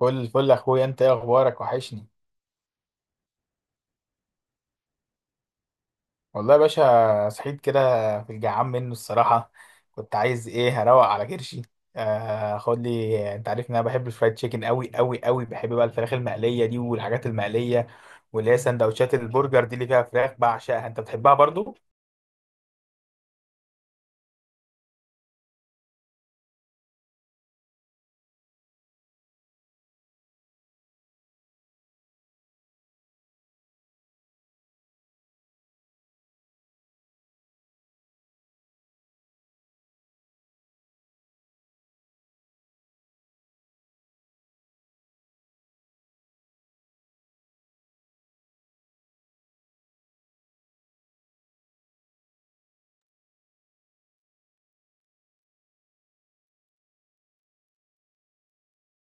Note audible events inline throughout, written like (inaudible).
فل فل اخويا، انت ايه اخبارك؟ وحشني. والله يا باشا، صحيت كده في الجعان منه الصراحه. كنت عايز ايه، هروق على كرشي. خد لي، انت عارف ان انا بحب الفرايد تشيكن قوي قوي قوي. بحب بقى الفراخ المقليه دي والحاجات المقليه، واللي هي سندوتشات البرجر دي اللي فيها فراخ بعشقها. انت بتحبها برضو؟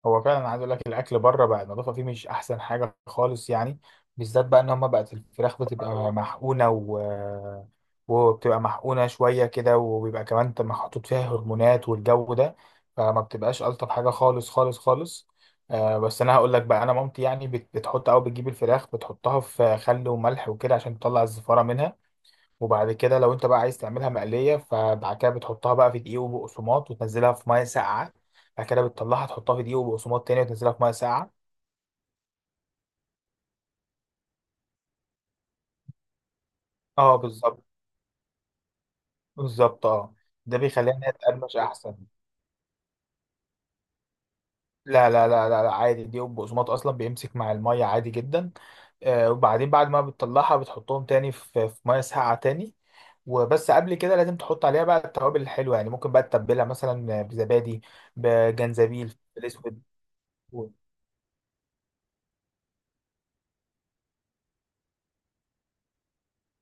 هو فعلا، عايز اقول لك الاكل بره بقى النظافه فيه مش احسن حاجه خالص يعني. بالذات بقى ان هم بقت الفراخ بتبقى محقونه وبتبقى محقونه شويه كده، وبيبقى كمان محطوط فيها هرمونات والجو ده. فما بتبقاش الطف حاجه خالص خالص خالص. آه بس انا هقول لك بقى، انا مامتي يعني بتحط او بتجيب الفراخ، بتحطها في خل وملح وكده عشان تطلع الزفاره منها. وبعد كده لو انت بقى عايز تعملها مقليه، فبعد كده بتحطها بقى في دقيق وبقسماط وتنزلها في ميه ساقعه. بعد كده بتطلعها تحطها في دقيق وبقسماط تاني وتنزلها في ميه ساقعه. اه بالظبط. بالظبط اه. ده بيخليها انها تقرمش احسن. لا لا لا لا, لا، عادي. الدقيق والبقسماط اصلا بيمسك مع الميه عادي جدا. آه، وبعدين بعد ما بتطلعها بتحطهم تاني في ميه ساقعه تاني. وبس قبل كده لازم تحط عليها بقى التوابل الحلوه، يعني ممكن بقى تتبلها مثلا بزبادي، بجنزبيل، فلفل اسود.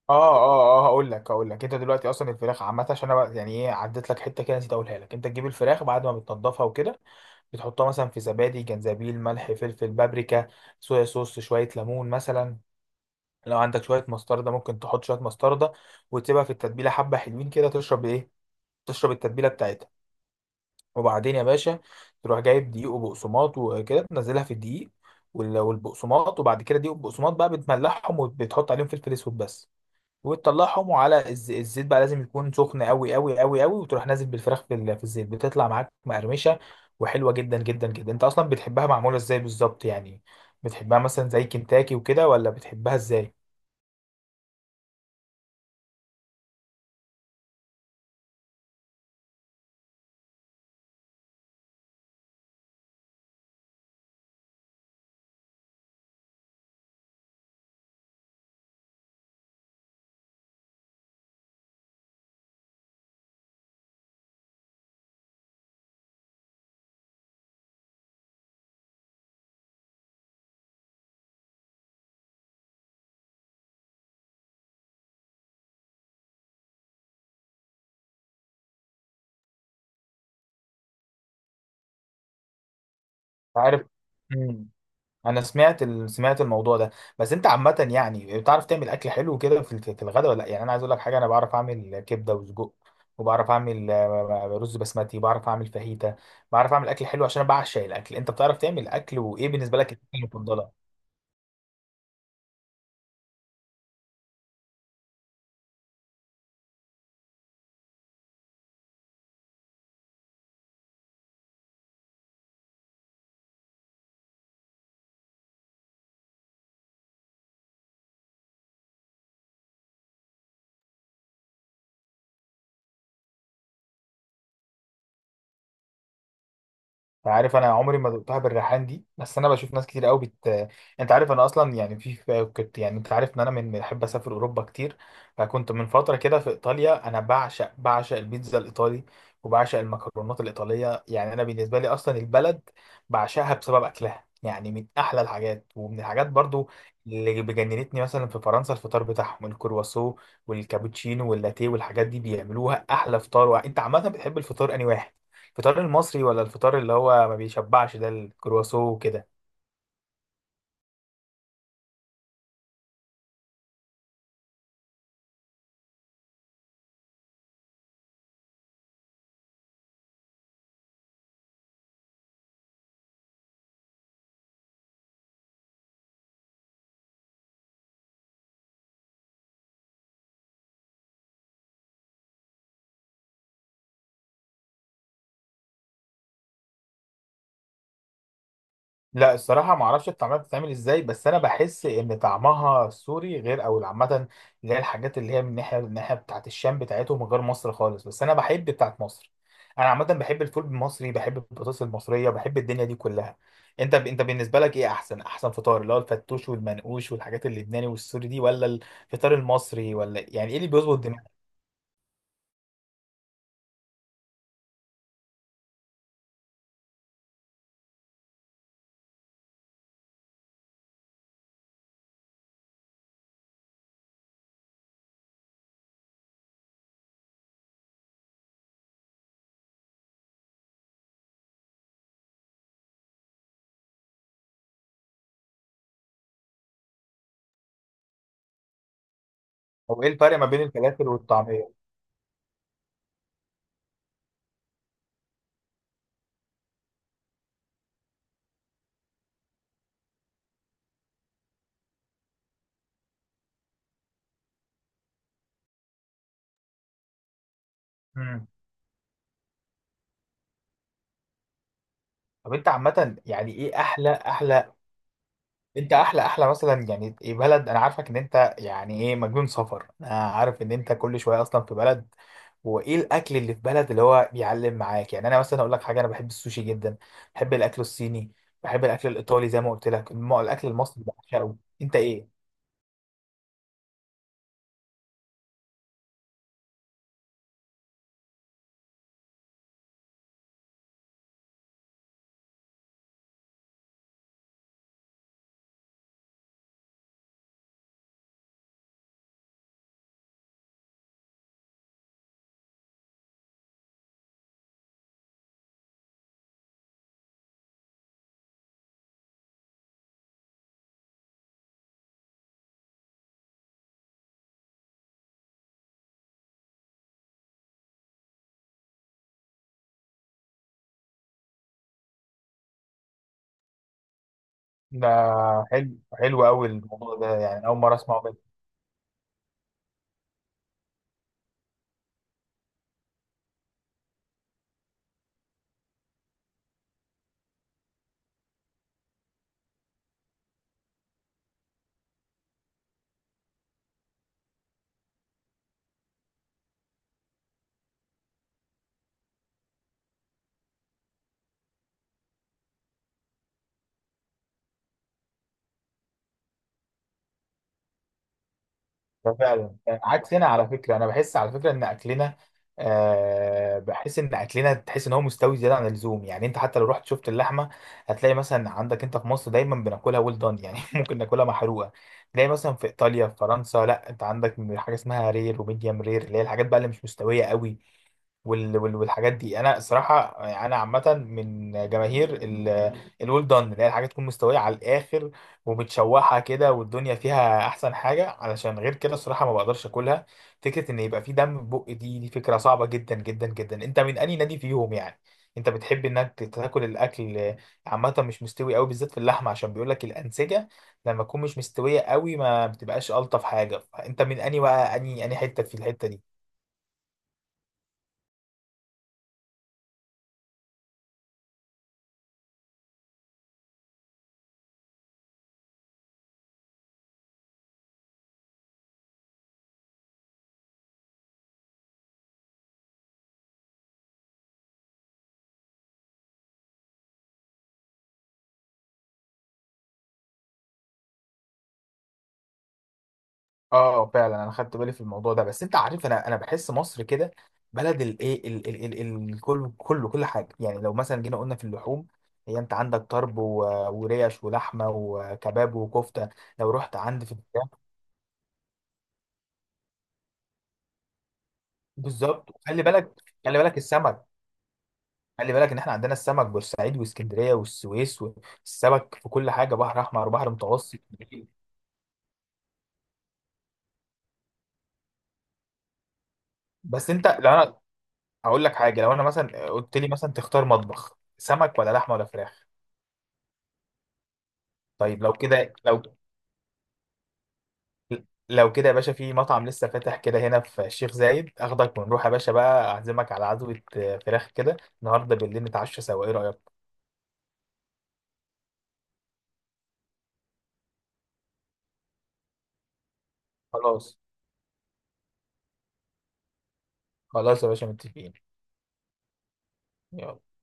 اه اه اه، هقول لك انت دلوقتي. اصلا الفراخ عامه عشان انا يعني ايه، عديت لك حته كده نسيت اقولها لك. انت تجيب الفراخ بعد ما بتنضفها وكده، بتحطها مثلا في زبادي، جنزبيل، ملح، فلفل، بابريكا، صويا صوص، شويه ليمون مثلا. لو عندك شويه مستردة، ممكن تحط شويه مستردة وتسيبها في التتبيله حبه حلوين كده. تشرب ايه؟ تشرب التتبيله بتاعتها. وبعدين يا باشا، تروح جايب دقيق وبقسماط وكده، تنزلها في الدقيق والبقسماط، وبعد كده دقيق وبقسماط بقى بتملحهم وبتحط عليهم فلفل اسود بس، وتطلعهم على الزيت. بقى لازم يكون سخن قوي قوي قوي قوي، وتروح نازل بالفراخ في الزيت، بتطلع معاك مقرمشه وحلوه جدا جدا جدا. انت اصلا بتحبها معموله ازاي بالظبط يعني؟ بتحبها مثلا زي كنتاكي وكده، ولا بتحبها ازاي؟ عارف. مم. انا سمعت سمعت الموضوع ده. بس انت عامه يعني بتعرف تعمل اكل حلو كده في الغداء ولا لا؟ يعني انا عايز اقول لك حاجه، انا بعرف اعمل كبده وسجق، وبعرف اعمل رز بسمتي، بعرف اعمل فاهيتا. بعرف اعمل اكل حلو عشان انا بعشق الاكل. انت بتعرف تعمل اكل؟ وايه بالنسبه لك الاكل المفضله؟ عارف، انا عمري ما دقتها بالريحان دي، بس انا بشوف ناس كتير قوي بت. انت عارف انا اصلا يعني كنت يعني، انت عارف ان انا من بحب اسافر اوروبا كتير، فكنت من فتره كده في ايطاليا. انا بعشق بعشق البيتزا الايطالي وبعشق المكرونات الايطاليه، يعني انا بالنسبه لي اصلا البلد بعشقها بسبب اكلها. يعني من احلى الحاجات، ومن الحاجات برضو اللي بجننتني مثلا في فرنسا الفطار بتاعهم، الكرواسو والكابتشينو واللاتيه والحاجات دي بيعملوها احلى فطار. انت عامه بتحب الفطار انهي واحد؟ الفطار المصري، ولا الفطار اللي هو ما بيشبعش ده الكرواسون وكده؟ لا الصراحه ما اعرفش الطعميه بتتعمل ازاي، بس انا بحس ان طعمها السوري غير. او عامه اللي هي الحاجات اللي هي من الناحيه بتاعت الشام بتاعتهم غير مصر خالص، بس انا بحب بتاعت مصر. انا عامه بحب الفول المصري، بحب البطاطس المصريه، بحب الدنيا دي كلها. انت بالنسبه لك ايه احسن احسن فطار؟ اللي هو الفتوش والمنقوش والحاجات اللبناني والسوري دي، ولا الفطار المصري؟ ولا يعني ايه اللي بيظبط دماغك؟ او ايه الفرق ما بين الفلافل والطعميه؟ طب انت عامة يعني ايه احلى احلى، انت احلى احلى مثلا يعني ايه بلد؟ انا عارفك ان انت يعني ايه مجنون سفر، انا عارف ان انت كل شوية اصلا في بلد. وايه الاكل اللي في بلد اللي هو بيعلم معاك؟ يعني انا مثلا اقول لك حاجة، انا بحب السوشي جدا، بحب الاكل الصيني، بحب الاكل الايطالي. زي ما قلت لك الاكل المصري بعشقه. انت ايه؟ ده حلو حلو قوي الموضوع ده، يعني اول مرة اسمعه. فعلا عكسنا على فكره. انا بحس على فكره ان اكلنا، بحس ان اكلنا، تحس ان هو مستوي زياده عن اللزوم. يعني انت حتى لو رحت شفت اللحمه، هتلاقي مثلا عندك انت في مصر دايما بناكلها ويل دان يعني (laughs) ممكن ناكلها محروقه. تلاقي مثلا في ايطاليا، في فرنسا، لا، انت عندك حاجه اسمها رير وميديم رير اللي هي الحاجات بقى اللي مش مستويه قوي والحاجات دي. انا الصراحه يعني انا عامه من جماهير الويل دان، اللي هي الحاجه تكون مستويه على الاخر ومتشوحه كده والدنيا فيها، احسن حاجه، علشان غير كده الصراحه ما بقدرش اكلها. فكره ان يبقى في دم، في بق، دي فكره صعبه جدا جدا جدا. انت من اي نادي فيهم يعني؟ انت بتحب انك تاكل الاكل عامه مش مستوي قوي، بالذات في اللحمه، عشان بيقول لك الانسجه لما تكون مش مستويه قوي ما بتبقاش الطف حاجه. فانت من اني بقى، اني حته في الحته دي؟ اه فعلا، انا خدت بالي في الموضوع ده. بس انت عارف، انا بحس مصر كده بلد الايه الكل كله، كل حاجه. يعني لو مثلا جينا قلنا في اللحوم، هي انت عندك طرب وريش ولحمه وكباب وكفته. لو رحت عند في الفراخ. بالظبط. خلي بالك، خلي بالك السمك. خلي بالك ان احنا عندنا السمك بورسعيد واسكندريه والسويس، والسمك في كل حاجه بحر احمر وبحر متوسط. بس انت، لو انا اقول لك حاجه، لو انا مثلا قلت لي مثلا تختار مطبخ سمك ولا لحمه ولا فراخ؟ طيب لو كده، لو كده يا باشا، في مطعم لسه فاتح كده هنا في الشيخ زايد، اخدك ونروح يا باشا بقى. اعزمك على عزوة فراخ كده النهارده بالليل، نتعشى سوا. ايه رأيك؟ خلاص. خلاص يا باشا متفقين. يلا.